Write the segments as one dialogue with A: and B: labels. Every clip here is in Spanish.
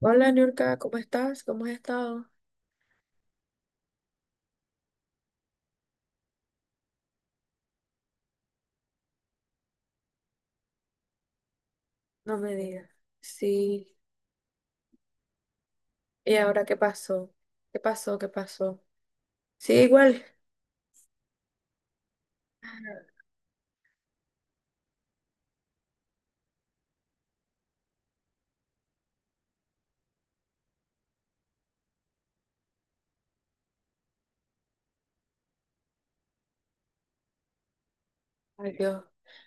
A: Hola, Niurka, ¿cómo estás? ¿Cómo has estado? No me digas. Sí. ¿Y ahora qué pasó? ¿Qué pasó? ¿Qué pasó? Sí, igual. Ay, Dios.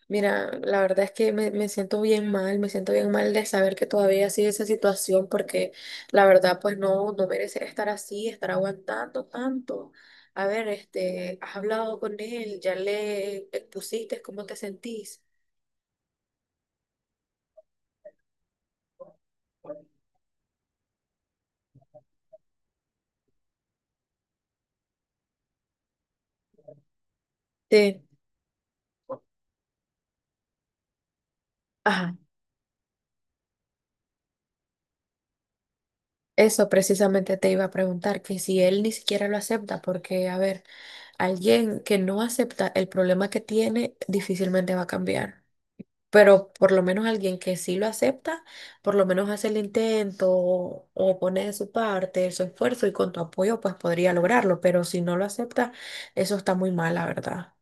A: Mira, la verdad es que me siento bien mal, me siento bien mal de saber que todavía sigue esa situación porque la verdad pues no, no merece estar así, estar aguantando tanto. A ver, has hablado con él, ya le expusiste cómo te sentís. Sí. Ajá. Eso precisamente te iba a preguntar, que si él ni siquiera lo acepta, porque, a ver, alguien que no acepta el problema que tiene difícilmente va a cambiar, pero por lo menos alguien que sí lo acepta, por lo menos hace el intento o pone de su parte su esfuerzo y con tu apoyo pues podría lograrlo, pero si no lo acepta, eso está muy mal, la verdad.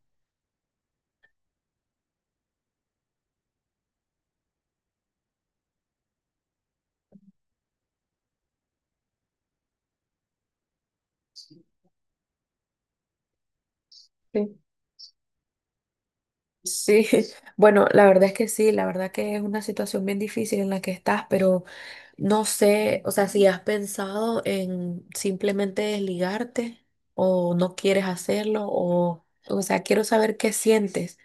A: Sí. Sí, bueno, la verdad es que sí, la verdad que es una situación bien difícil en la que estás, pero... No sé, o sea, si has pensado en simplemente desligarte o no quieres hacerlo o sea, quiero saber qué sientes.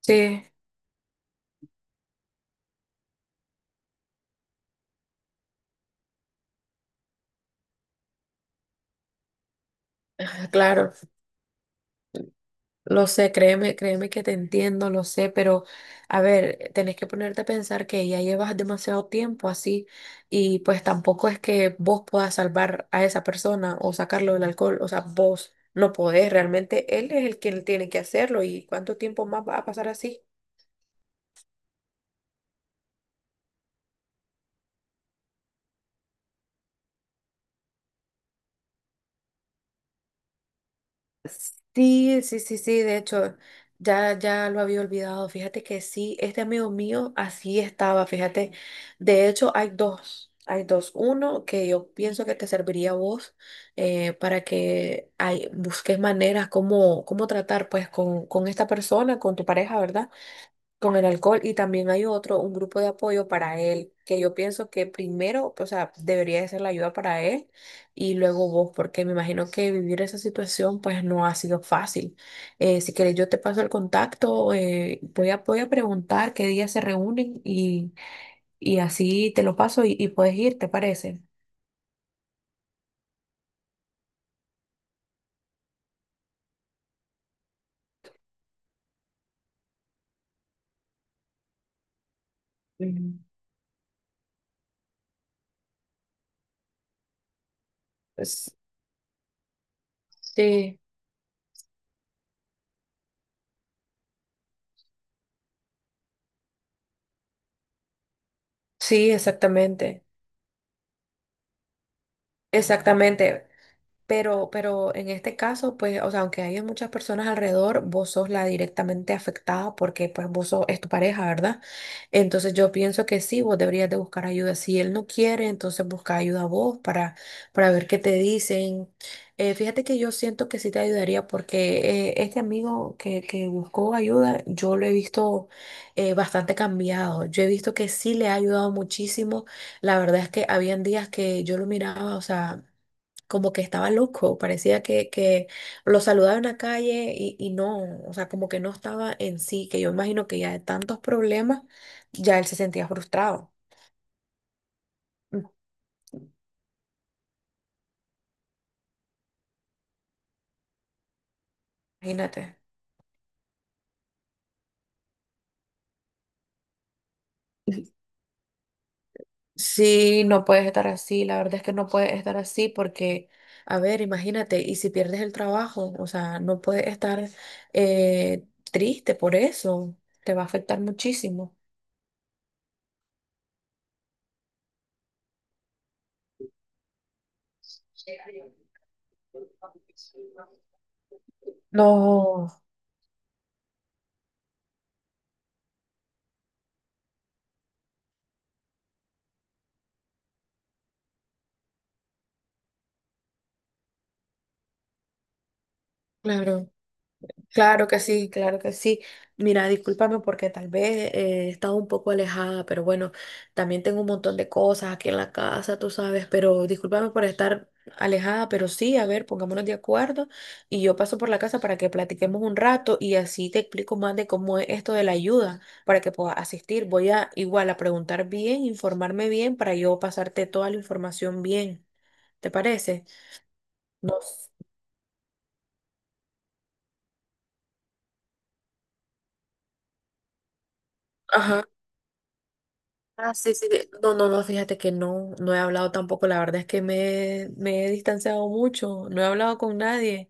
A: Sí, ah, claro, lo sé, créeme, créeme que te entiendo, lo sé, pero a ver, tenés que ponerte a pensar que ya llevas demasiado tiempo así y pues tampoco es que vos puedas salvar a esa persona o sacarlo del alcohol, o sea, vos no podés, realmente él es el quien tiene que hacerlo y cuánto tiempo más va a pasar así. Sí, sí, sí, sí, de hecho, ya lo había olvidado. Fíjate que sí, este amigo mío así estaba, fíjate. De hecho, hay dos. Uno que yo pienso que te serviría a vos para que ay, busques maneras como, cómo tratar pues con esta persona, con tu pareja, ¿verdad? Con el alcohol y también hay otro, un grupo de apoyo para él, que yo pienso que primero, o sea, debería de ser la ayuda para él y luego vos, porque me imagino que vivir esa situación pues no ha sido fácil. Si querés, yo te paso el contacto, voy a, voy a preguntar qué día se reúnen y así te lo paso y puedes ir, ¿te parece? Mm. Pues sí, sí, exactamente, exactamente. Pero en este caso, pues, o sea, aunque haya muchas personas alrededor, vos sos la directamente afectada porque, pues, vos sos, es tu pareja, ¿verdad? Entonces yo pienso que sí, vos deberías de buscar ayuda. Si él no quiere, entonces busca ayuda a vos para ver qué te dicen. Fíjate que yo siento que sí te ayudaría porque este amigo que buscó ayuda, yo lo he visto bastante cambiado. Yo he visto que sí le ha ayudado muchísimo. La verdad es que habían días que yo lo miraba, o sea como que estaba loco, parecía que lo saludaba en la calle y no, o sea, como que no estaba en sí, que yo imagino que ya de tantos problemas, ya él se sentía frustrado. Mm. Imagínate. Sí, no puedes estar así, la verdad es que no puedes estar así porque, a ver, imagínate, y si pierdes el trabajo, o sea, no puedes estar triste por eso, te va a afectar muchísimo. No, claro. Claro que sí, claro que sí. Mira, discúlpame porque tal vez he estado un poco alejada, pero bueno, también tengo un montón de cosas aquí en la casa, tú sabes, pero discúlpame por estar alejada, pero sí, a ver, pongámonos de acuerdo y yo paso por la casa para que platiquemos un rato y así te explico más de cómo es esto de la ayuda para que puedas asistir. Voy a igual a preguntar bien, informarme bien para yo pasarte toda la información bien. ¿Te parece? No. Ajá. Ah, sí, sí. No, no, no, fíjate que no, no he hablado tampoco. La verdad es que me he distanciado mucho. No he hablado con nadie.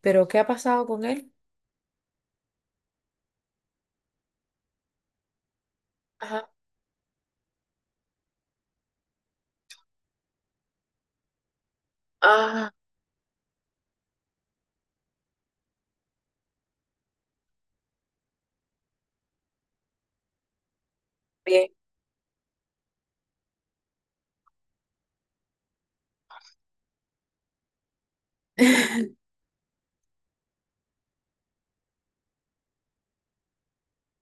A: Pero, ¿qué ha pasado con él? Ajá. Ah, bien.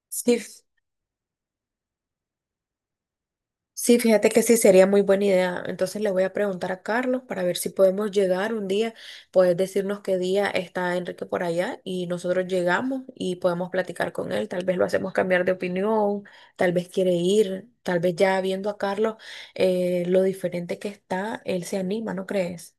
A: Sí, sí, fíjate que sí, sería muy buena idea. Entonces le voy a preguntar a Carlos para ver si podemos llegar un día. Puedes decirnos qué día está Enrique por allá y nosotros llegamos y podemos platicar con él. Tal vez lo hacemos cambiar de opinión, tal vez quiere ir, tal vez ya viendo a Carlos lo diferente que está, él se anima, ¿no crees?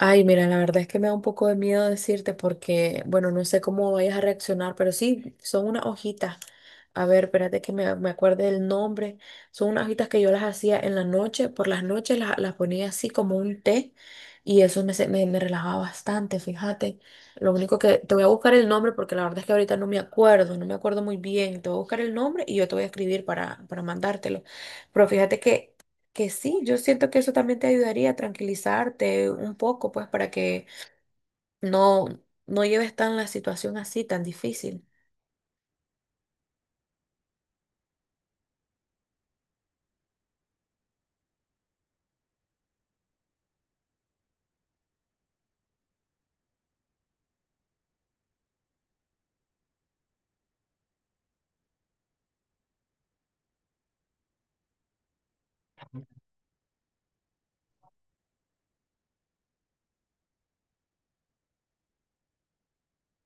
A: Ay, mira, la verdad es que me da un poco de miedo decirte porque, bueno, no sé cómo vayas a reaccionar, pero sí, son unas hojitas. A ver, espérate que me acuerde del nombre. Son unas hojitas que yo las hacía en la noche, por las noches las ponía así como un té y eso me, me, me relajaba bastante, fíjate. Lo único que te voy a buscar el nombre porque la verdad es que ahorita no me acuerdo, no me acuerdo muy bien. Te voy a buscar el nombre y yo te voy a escribir para mandártelo. Pero fíjate que sí, yo siento que eso también te ayudaría a tranquilizarte un poco, pues para que no, no lleves tan la situación así, tan difícil.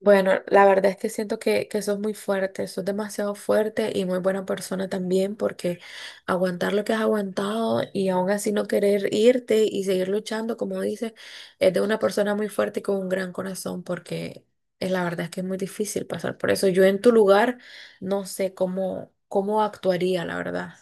A: Bueno, la verdad es que siento que sos muy fuerte, sos demasiado fuerte y muy buena persona también porque aguantar lo que has aguantado y aún así no querer irte y seguir luchando, como dices, es de una persona muy fuerte y con un gran corazón porque la verdad es que es muy difícil pasar por eso. Yo en tu lugar no sé cómo, cómo actuaría, la verdad.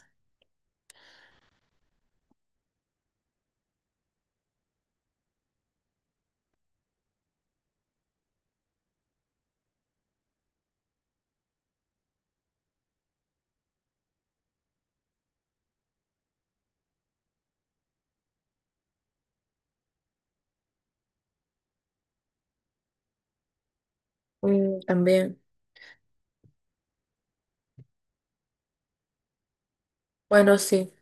A: Mm, también. Bueno, sí.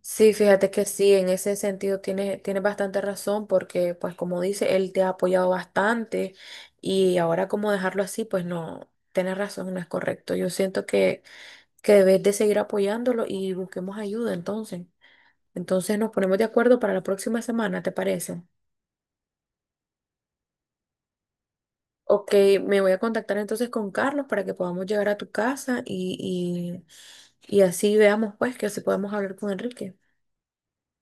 A: Sí, fíjate que sí, en ese sentido tienes, tienes bastante razón porque, pues como dice, él te ha apoyado bastante y ahora como dejarlo así, pues no, tienes razón, no es correcto. Yo siento que debes de seguir apoyándolo y busquemos ayuda entonces. Entonces nos ponemos de acuerdo para la próxima semana, ¿te parece? Ok, me voy a contactar entonces con Carlos para que podamos llegar a tu casa y así veamos pues que si podemos hablar con Enrique.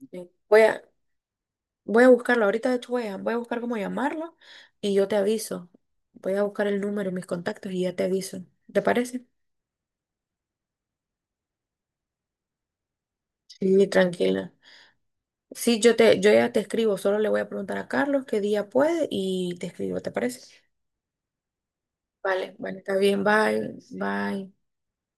A: Ok. Voy a buscarlo, ahorita de hecho voy a, voy a buscar cómo llamarlo y yo te aviso. Voy a buscar el número y mis contactos y ya te aviso. ¿Te parece? Sí, tranquila. Sí, yo ya te escribo, solo le voy a preguntar a Carlos qué día puede y te escribo, ¿te parece? Vale, vale, está bien, bye, bye.